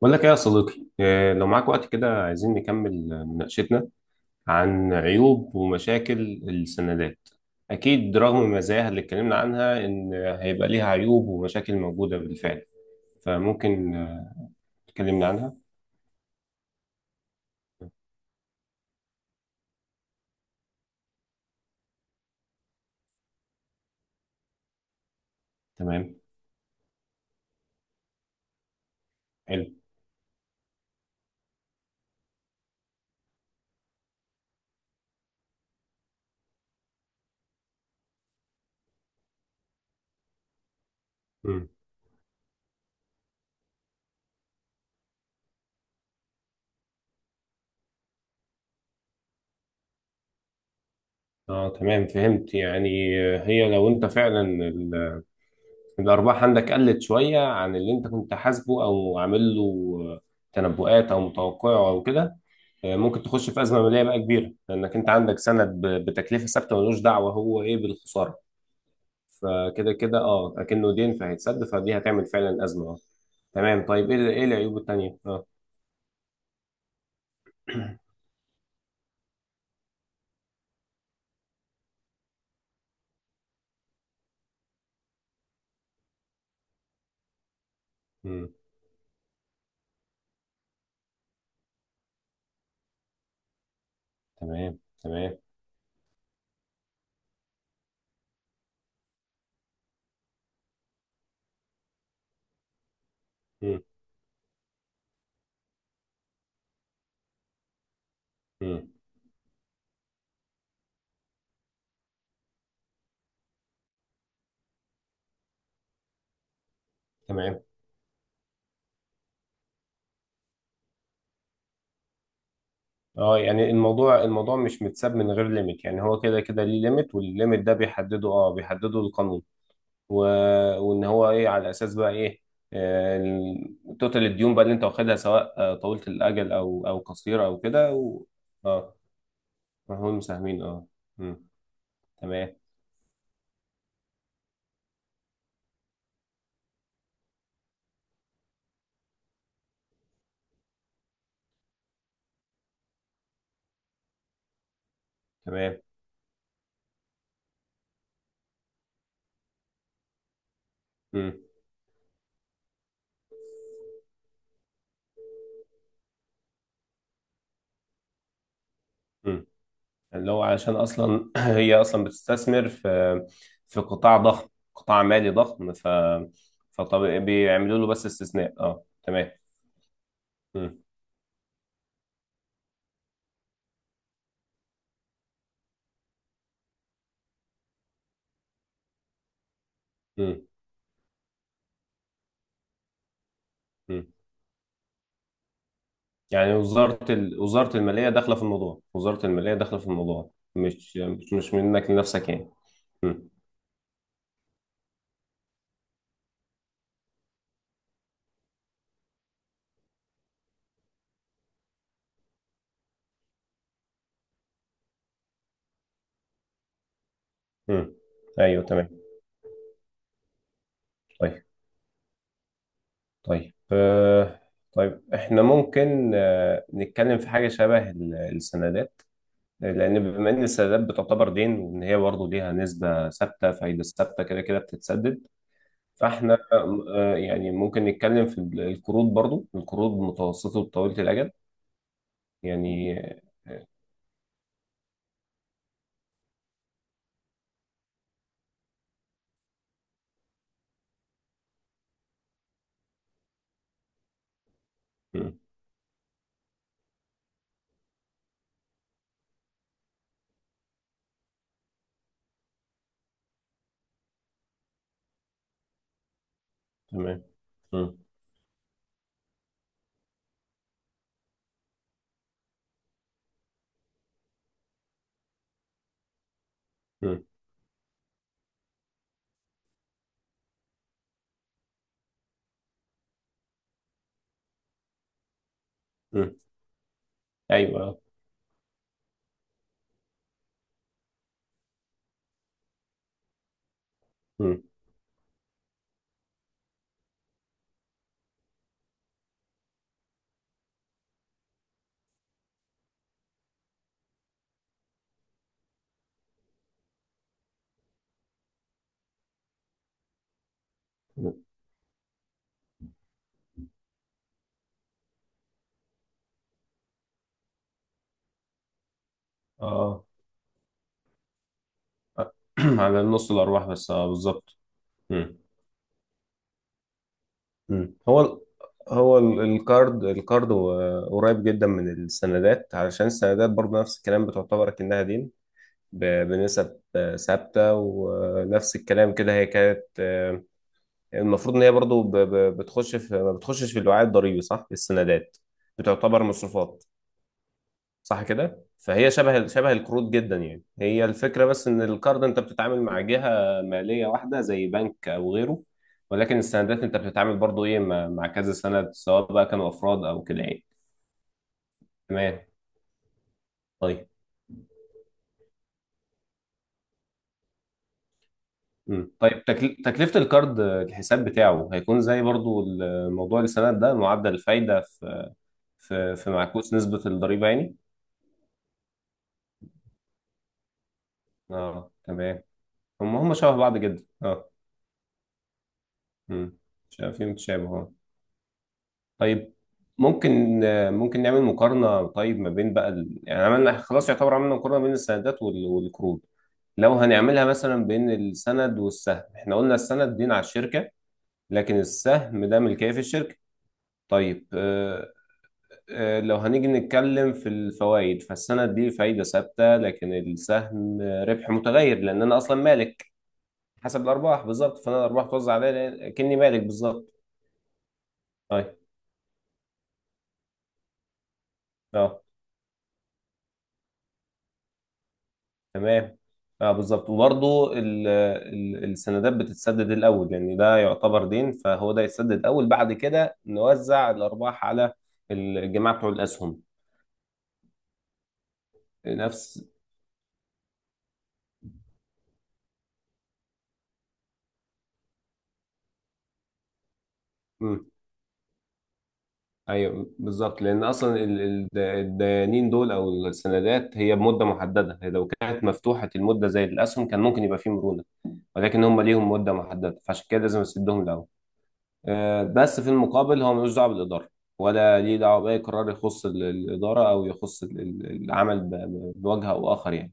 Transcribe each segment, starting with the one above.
بقول لك ايه يا صديقي، لو معاك وقت كده عايزين نكمل مناقشتنا عن عيوب ومشاكل السندات. اكيد رغم مزاياها اللي اتكلمنا عنها ان هيبقى ليها عيوب ومشاكل موجودة بالفعل. فممكن تكلمنا عنها. تمام. حلو. مم. اه، تمام. فهمت، يعني هي لو انت فعلا الأرباح عندك قلت شوية عن اللي أنت كنت حاسبه أو عامل له تنبؤات أو متوقعه أو كده. ممكن تخش في أزمة مالية بقى كبيرة، لأنك أنت عندك سند بتكلفة ثابتة ملوش دعوة هو إيه بالخسارة. فكده كده أكنه دين فهيتسد، فدي هتعمل فعلا أزمة. تمام. طيب، إيه العيوب التانية؟ مم. تمام، تمام. مم. مم. تمام. اه يعني الموضوع مش متساب من غير ليميت، يعني هو كده كده ليه ليميت، والليميت ده بيحدده القانون و... وان هو ايه على اساس بقى ايه، توتال الديون بقى اللي انت واخدها، سواء طويله الاجل او قصيره او كده اه. هم مساهمين. اه. مم. تمام، تمام. مم. مم. اللي هو علشان اصلا هي اصلا بتستثمر في قطاع ضخم، قطاع مالي ضخم، فطب بيعملوا له بس استثناء. اه تمام. مم. مم. مم. يعني وزارة وزارة المالية داخلة في الموضوع، وزارة المالية داخلة في الموضوع. مش منك لنفسك، يعني. مم. مم. ايوه، تمام. طيب، طيب، طيب احنا ممكن نتكلم في حاجة شبه السندات. لأن بما إن السندات بتعتبر دين، وإن هي برضه ليها نسبة ثابتة فايدة ثابتة كده كده بتتسدد. فاحنا يعني ممكن نتكلم في القروض، برضه القروض متوسطة وطويلة الأجل يعني. مم. تمام. مم. مم. مم. ايوه. مم. اه. على نص الارباح بس، بالظبط. مم. مم. هو ال- هو ال- الكارد الكارد هو قريب جدا من السندات، علشان السندات برضه نفس الكلام بتعتبر كأنها دين، بنسب ثابتة، ونفس الكلام كده. هي كانت المفروض ان هي برضه بتخش في ما بتخشش في الوعاء الضريبي، صح؟ السندات بتعتبر مصروفات. صح كده. فهي شبه شبه القروض جدا، يعني هي الفكره بس ان القرض انت بتتعامل مع جهه ماليه واحده زي بنك او غيره. ولكن السندات انت بتتعامل برضو ايه مع كذا سند، سواء بقى كانوا افراد او كده يعني. تمام. طيب. مم. طيب، تكلفه القرض الحساب بتاعه هيكون زي برضو موضوع السند ده، معدل الفايده في معكوس نسبه الضريبه يعني. اه، تمام. هم شبه بعض جدا. اه امم شايفين تشابه. طيب، ممكن نعمل مقارنة. طيب، ما بين بقى يعني عملنا خلاص، يعتبر عملنا مقارنة بين السندات والقروض. لو هنعملها مثلا بين السند والسهم، احنا قلنا السند دين على الشركة، لكن السهم ده ملكية في الشركة. طيب. اه. اه، لو هنيجي نتكلم في الفوائد، فالسند دي فايدة ثابتة، لكن السهم ربح متغير، لأن أنا أصلا مالك. حسب الأرباح بالظبط، فأنا الأرباح توزع عليا، كأني مالك بالظبط. طيب. اه. تمام. اه، بالظبط. وبرضه السندات بتتسدد الاول، يعني ده يعتبر دين فهو ده يتسدد الاول. بعد كده نوزع الارباح على الجماعه بتوع الاسهم. نفس مم. ايوه، بالظبط. لان اصلا الديانين دول او السندات هي بمده محدده، هي لو كانت مفتوحه المده زي الاسهم كان ممكن يبقى فيه مرونه. ولكن هم ليهم مده محدده، فعشان كده لازم نسدهم الاول. بس في المقابل هو ملوش دعوه بالاداره، ولا ليه دعوه باي قرار يخص الاداره، او يخص العمل بوجه او اخر يعني.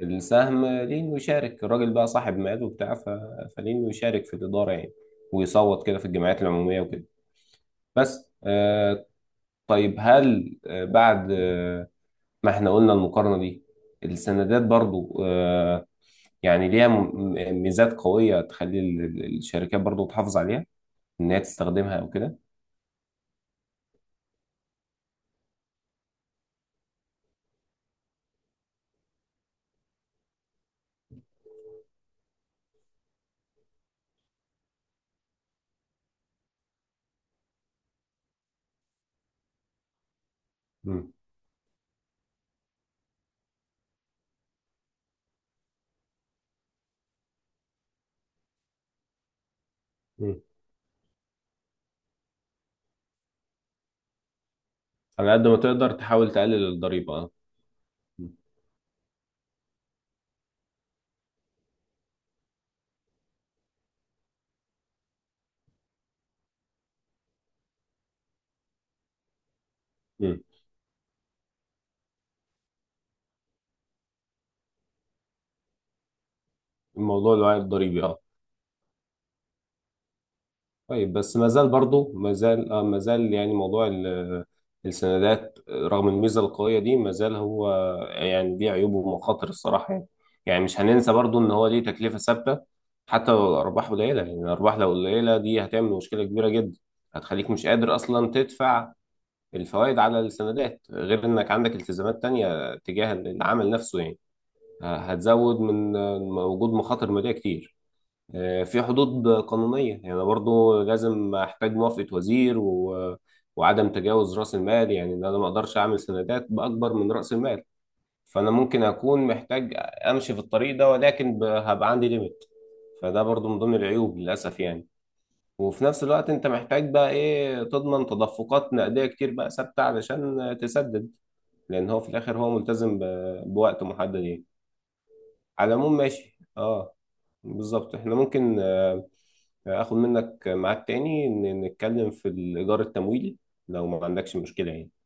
السهم ليه انه يشارك الراجل بقى صاحب مال وبتاع، فليه انه يشارك في الاداره يعني، ويصوت كده في الجمعيات العموميه وكده. بس، طيب، هل بعد ما احنا قلنا المقارنه دي، السندات برضو يعني ليها ميزات قوية تخلي الشركات برضو تحافظ عليها. إن هي تستخدمها أو كده. مم. على قد ما تقدر تحاول تقلل الضريبة. اه. مم. الوعي الضريبي. اه. طيب، بس ما زال برضه ما زال اه ما زال يعني موضوع السندات رغم الميزة القوية دي ما زال هو يعني ليه عيوبه ومخاطر الصراحة يعني. يعني مش هننسى برضه ان هو ليه تكلفة ثابتة. حتى لو الأرباح قليلة، يعني الأرباح لو قليلة دي هتعمل مشكلة كبيرة جدا. هتخليك مش قادر أصلا تدفع الفوائد على السندات، غير انك عندك التزامات تانية تجاه العمل نفسه يعني. هتزود من وجود مخاطر مالية كتير. في حدود قانونية، يعني أنا برضو لازم أحتاج موافقة وزير وعدم تجاوز رأس المال، يعني إن أنا ما أقدرش أعمل سندات بأكبر من رأس المال. فأنا ممكن أكون محتاج أمشي في الطريق ده، ولكن هبقى عندي ليميت. فده برضو من ضمن العيوب للأسف يعني. وفي نفس الوقت أنت محتاج بقى إيه تضمن تدفقات نقدية كتير بقى ثابتة علشان تسدد. لأن هو في الآخر هو ملتزم بوقت محدد يعني. على العموم، ماشي. اه. بالظبط. احنا ممكن اخد منك ميعاد تاني نتكلم في الإدار التمويلي، لو ما عندكش مشكلة يعني.